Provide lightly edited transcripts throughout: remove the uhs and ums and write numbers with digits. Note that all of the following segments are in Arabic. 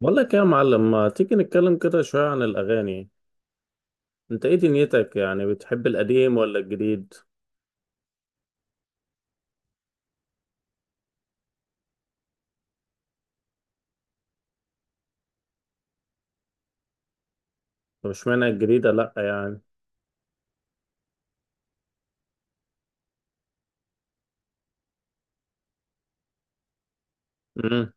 بقول لك إيه يا معلم، ما تيجي نتكلم كده شوية عن الأغاني؟ أنت إيه دنيتك يعني، بتحب القديم ولا الجديد؟ طب اشمعنى الجديدة لأ يعني؟ مم.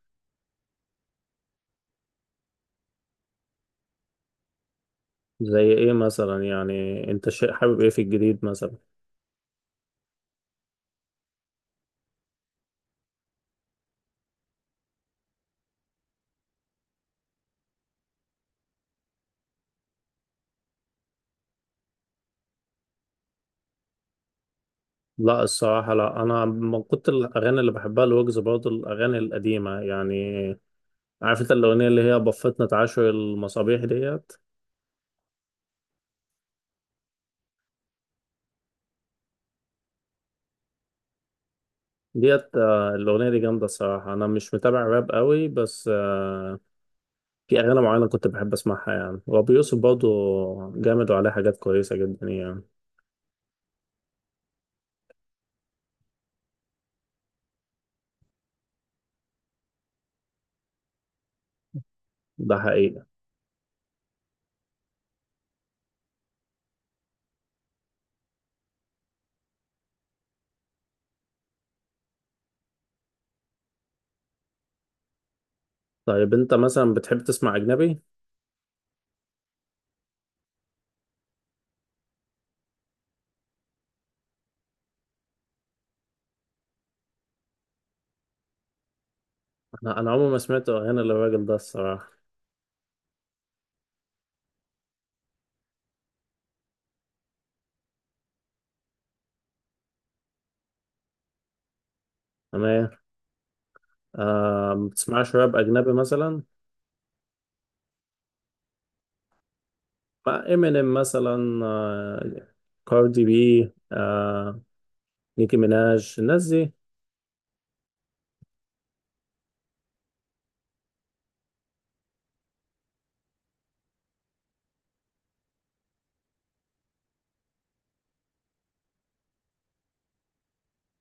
زي إيه مثلا؟ يعني أنت شيء حابب إيه في الجديد مثلا؟ لأ الصراحة لأ، أنا من كنت الأغاني اللي بحبها الوجز، برضه الأغاني القديمة يعني. عارف أنت الأغنية اللي هي بفتنا تعاشر المصابيح ديت؟ الأغنية دي جامدة الصراحة. أنا مش متابع راب قوي، بس في أغاني معينة كنت بحب أسمعها يعني. وأبو يوسف برضه جامد وعليه حاجات كويسة جدا يعني. ده حقيقة. طيب أنت مثلا بتحب تسمع أجنبي؟ أنا عمري ما سمعت أغاني للراجل ده الصراحة. تمام. آه، ما بتسمعش راب أجنبي مثلا؟ مع إمينيم مثلا، آه. كاردي بي، آه. نيكي ميناج، الناس دي.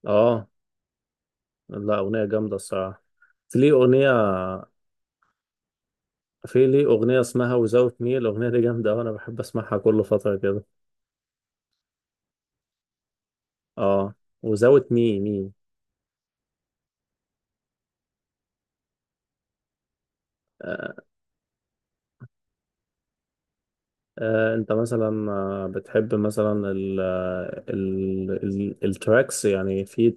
آه. لا أغنية جامدة الصراحة. في ليه أغنية. في ليه أغنية اسمها Without Me، الأغنية دي جامدة وأنا بحب أسمعها كل فترة كده. اه، وزاوية مي. آه. آه، انت مثلا بتحب مثلا ال ال التراكس يعني؟ في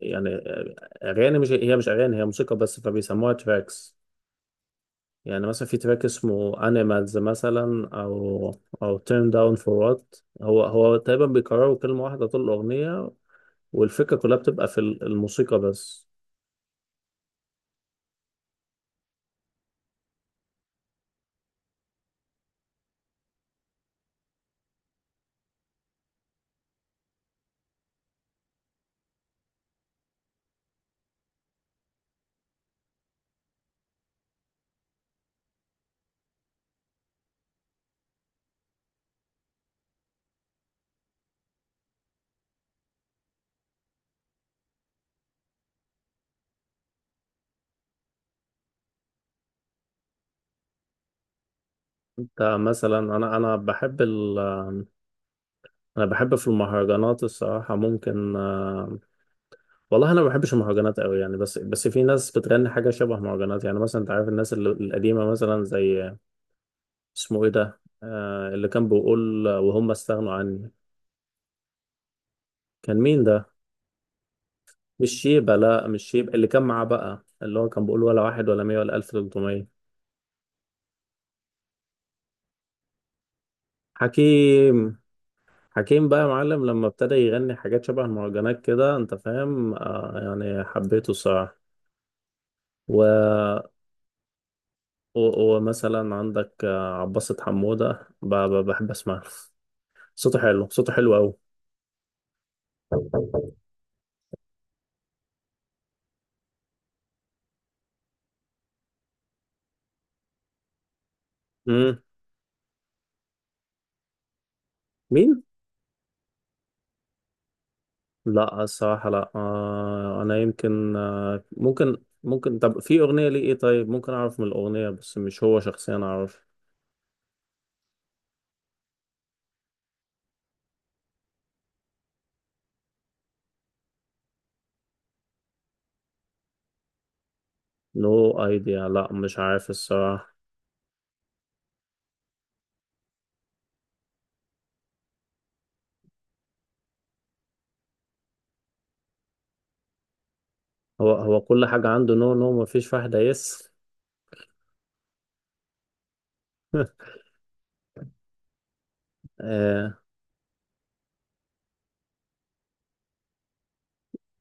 يعني اغاني، مش هي مش اغاني، هي موسيقى بس فبيسموها تراكس. يعني مثلا في تراك اسمه انيمالز مثلا، او او تيرن داون فور وات. هو تقريبا بيكرروا كلمة واحدة طول الأغنية، والفكرة كلها بتبقى في الموسيقى بس. انت مثلا، انا بحب ال انا بحب في المهرجانات الصراحة. ممكن والله انا ما بحبش المهرجانات قوي يعني. بس في ناس بتغني حاجه شبه مهرجانات يعني. مثلا انت عارف الناس القديمه مثلا، زي اسمه ايه ده، آه، اللي كان بيقول وهم استغنوا عني، كان مين ده؟ مش شيبه، لا مش شيبه. اللي كان معاه بقى، اللي هو كان بيقول ولا واحد ولا مية ولا الف تلتمية. حكيم. حكيم بقى يا معلم، لما ابتدى يغني حاجات شبه المهرجانات كده انت فاهم، آه، يعني حبيته الصراحه. و... ومثلا عندك عباسة حمودة بحب اسمعها. صوته حلو، صوته حلو قوي. امم. مين؟ لا الصراحه لا. آه انا يمكن، آه، ممكن ممكن. طب في اغنيه ليه ايه؟ طيب ممكن اعرف من الاغنيه بس، مش هو شخصيا اعرف. نو ايديا، لا مش عارف الصراحه. هو كل حاجه عنده نو نو، مفيش واحده يس. آه.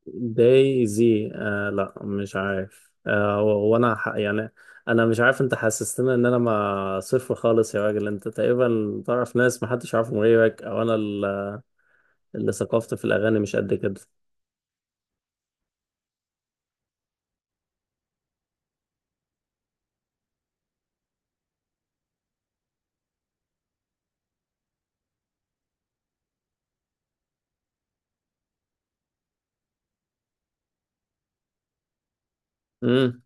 دايزي، آه لا مش عارف. آه، يعني انا مش عارف، انت حسستني ان انا ما صفر خالص يا راجل. انت تقريبا تعرف ناس محدش يعرفهم غيرك، او انا اللي ثقافتي في الأغاني مش قد كده. امم.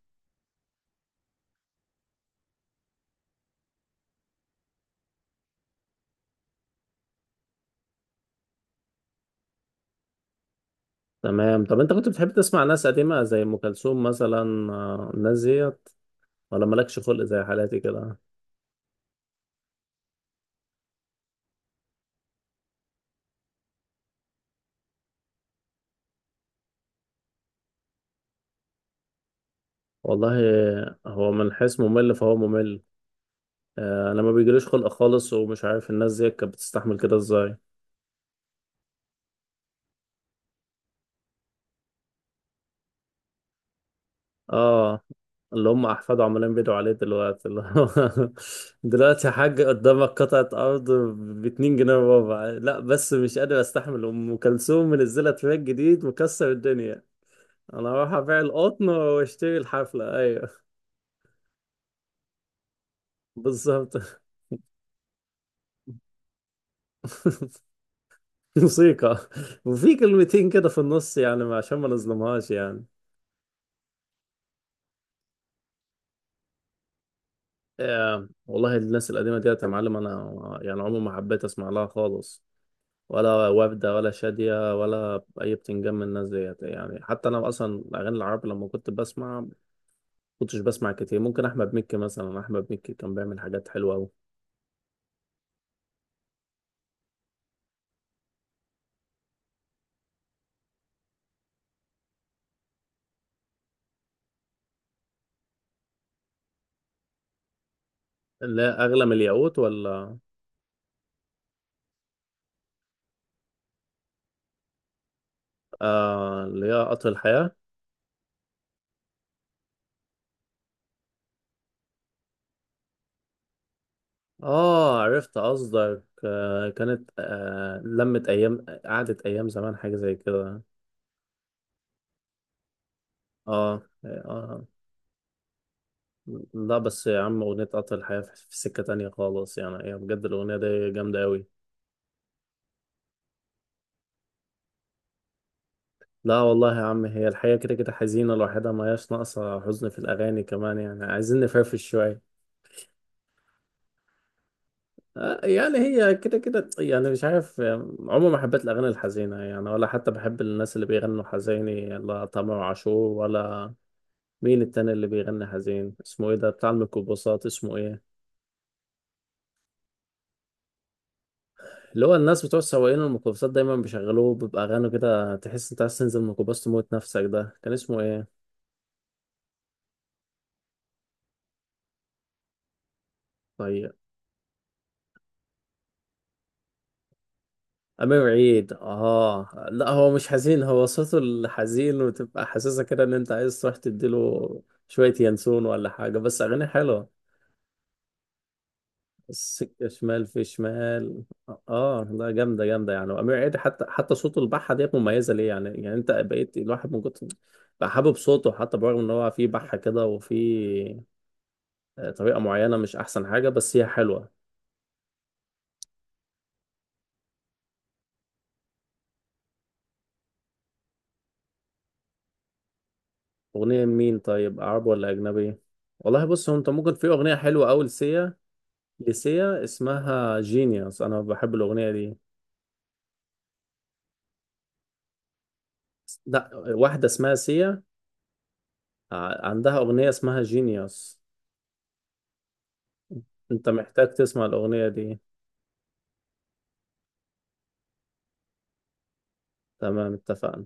تمام. طب أنت كنت بتحب تسمع ناس قديمة زي أم كلثوم مثلا، آه، الناس ديت؟ ولا مالكش خلق زي حالاتي كده؟ والله هو من حيث ممل فهو ممل. آه، أنا ما بيجيليش خلق خالص، ومش عارف الناس ديت كانت بتستحمل كده إزاي. اه، اللي هم احفاده عمالين بيدعوا عليه دلوقتي، اللي هو دلوقتي يا حاج قدامك قطعة أرض ب 2 جنيه وربع، لا بس مش قادر أستحمل، أم كلثوم منزلة تراك جديد مكسر الدنيا. انا اروح ابيع القطن واشتري الحفلة، ايوه. بالظبط. موسيقى، وفي كلمتين كده في النص يعني عشان ما نظلمهاش يعني. آه والله الناس القديمة ديت يا معلم، انا يعني عمري ما حبيت اسمع لها خالص. ولا وردة، ولا شادية، ولا اي بتنجم من الناس ديت يعني. حتى انا اصلا الاغاني العربي لما كنت بسمع، كنتش بسمع كتير. ممكن احمد مكي مثلا، احمد مكي كان بيعمل حاجات حلوة قوي. اللي هي اغلى من الياقوت ولا؟ آه اللي هي قطر الحياة. اه عرفت قصدك، آه، كانت، آه، لمت ايام، قعدت ايام زمان، حاجه زي كده. اه اه. لا بس يا عم اغنيه قطر الحياه في سكه تانية خالص يعني، هي بجد الاغنيه دي جامده قوي. لا والله يا عم، هي الحياه كده كده حزينه لوحدها، ما هياش ناقصه حزن في الاغاني كمان يعني. عايزين نفرفش شويه. آه، يعني هي كده كده يعني، مش عارف، آه، عمري ما حبيت الأغاني الحزينة يعني، ولا حتى بحب الناس اللي بيغنوا حزيني. لا تامر عاشور ولا، مين التاني اللي بيغني حزين، اسمه ايه ده بتاع الميكروباصات؟ اسمه ايه اللي هو، الناس بتوع سواقين الميكروباصات دايما بيشغلوه، بيبقى اغاني كده تحس انت عايز تنزل الميكروباص تموت نفسك، ده كان اسمه ايه؟ طيب. امير عيد؟ اه لا هو مش حزين، هو صوته الحزين وتبقى حاسسها كده ان انت عايز تروح تديله شوية ينسون ولا حاجة، بس اغاني حلوة. السكة شمال في شمال. اه، ده جامدة جامدة يعني. وأمير عيد حتى صوته البحة ديت مميزة ليه يعني. يعني أنت بقيت الواحد من كتر بقى حابب صوته، حتى برغم إن هو فيه بحة كده، وفيه آه، طريقة معينة، مش أحسن حاجة بس هي حلوة. أغنية مين طيب، عربي ولا أجنبي؟ والله بص، هو أنت ممكن، في أغنية حلوة أوي لسيا. لسيا اسمها جينيوس، أنا بحب الأغنية دي. لا واحدة اسمها سيا، عندها أغنية اسمها جينيوس. أنت محتاج تسمع الأغنية دي. تمام اتفقنا.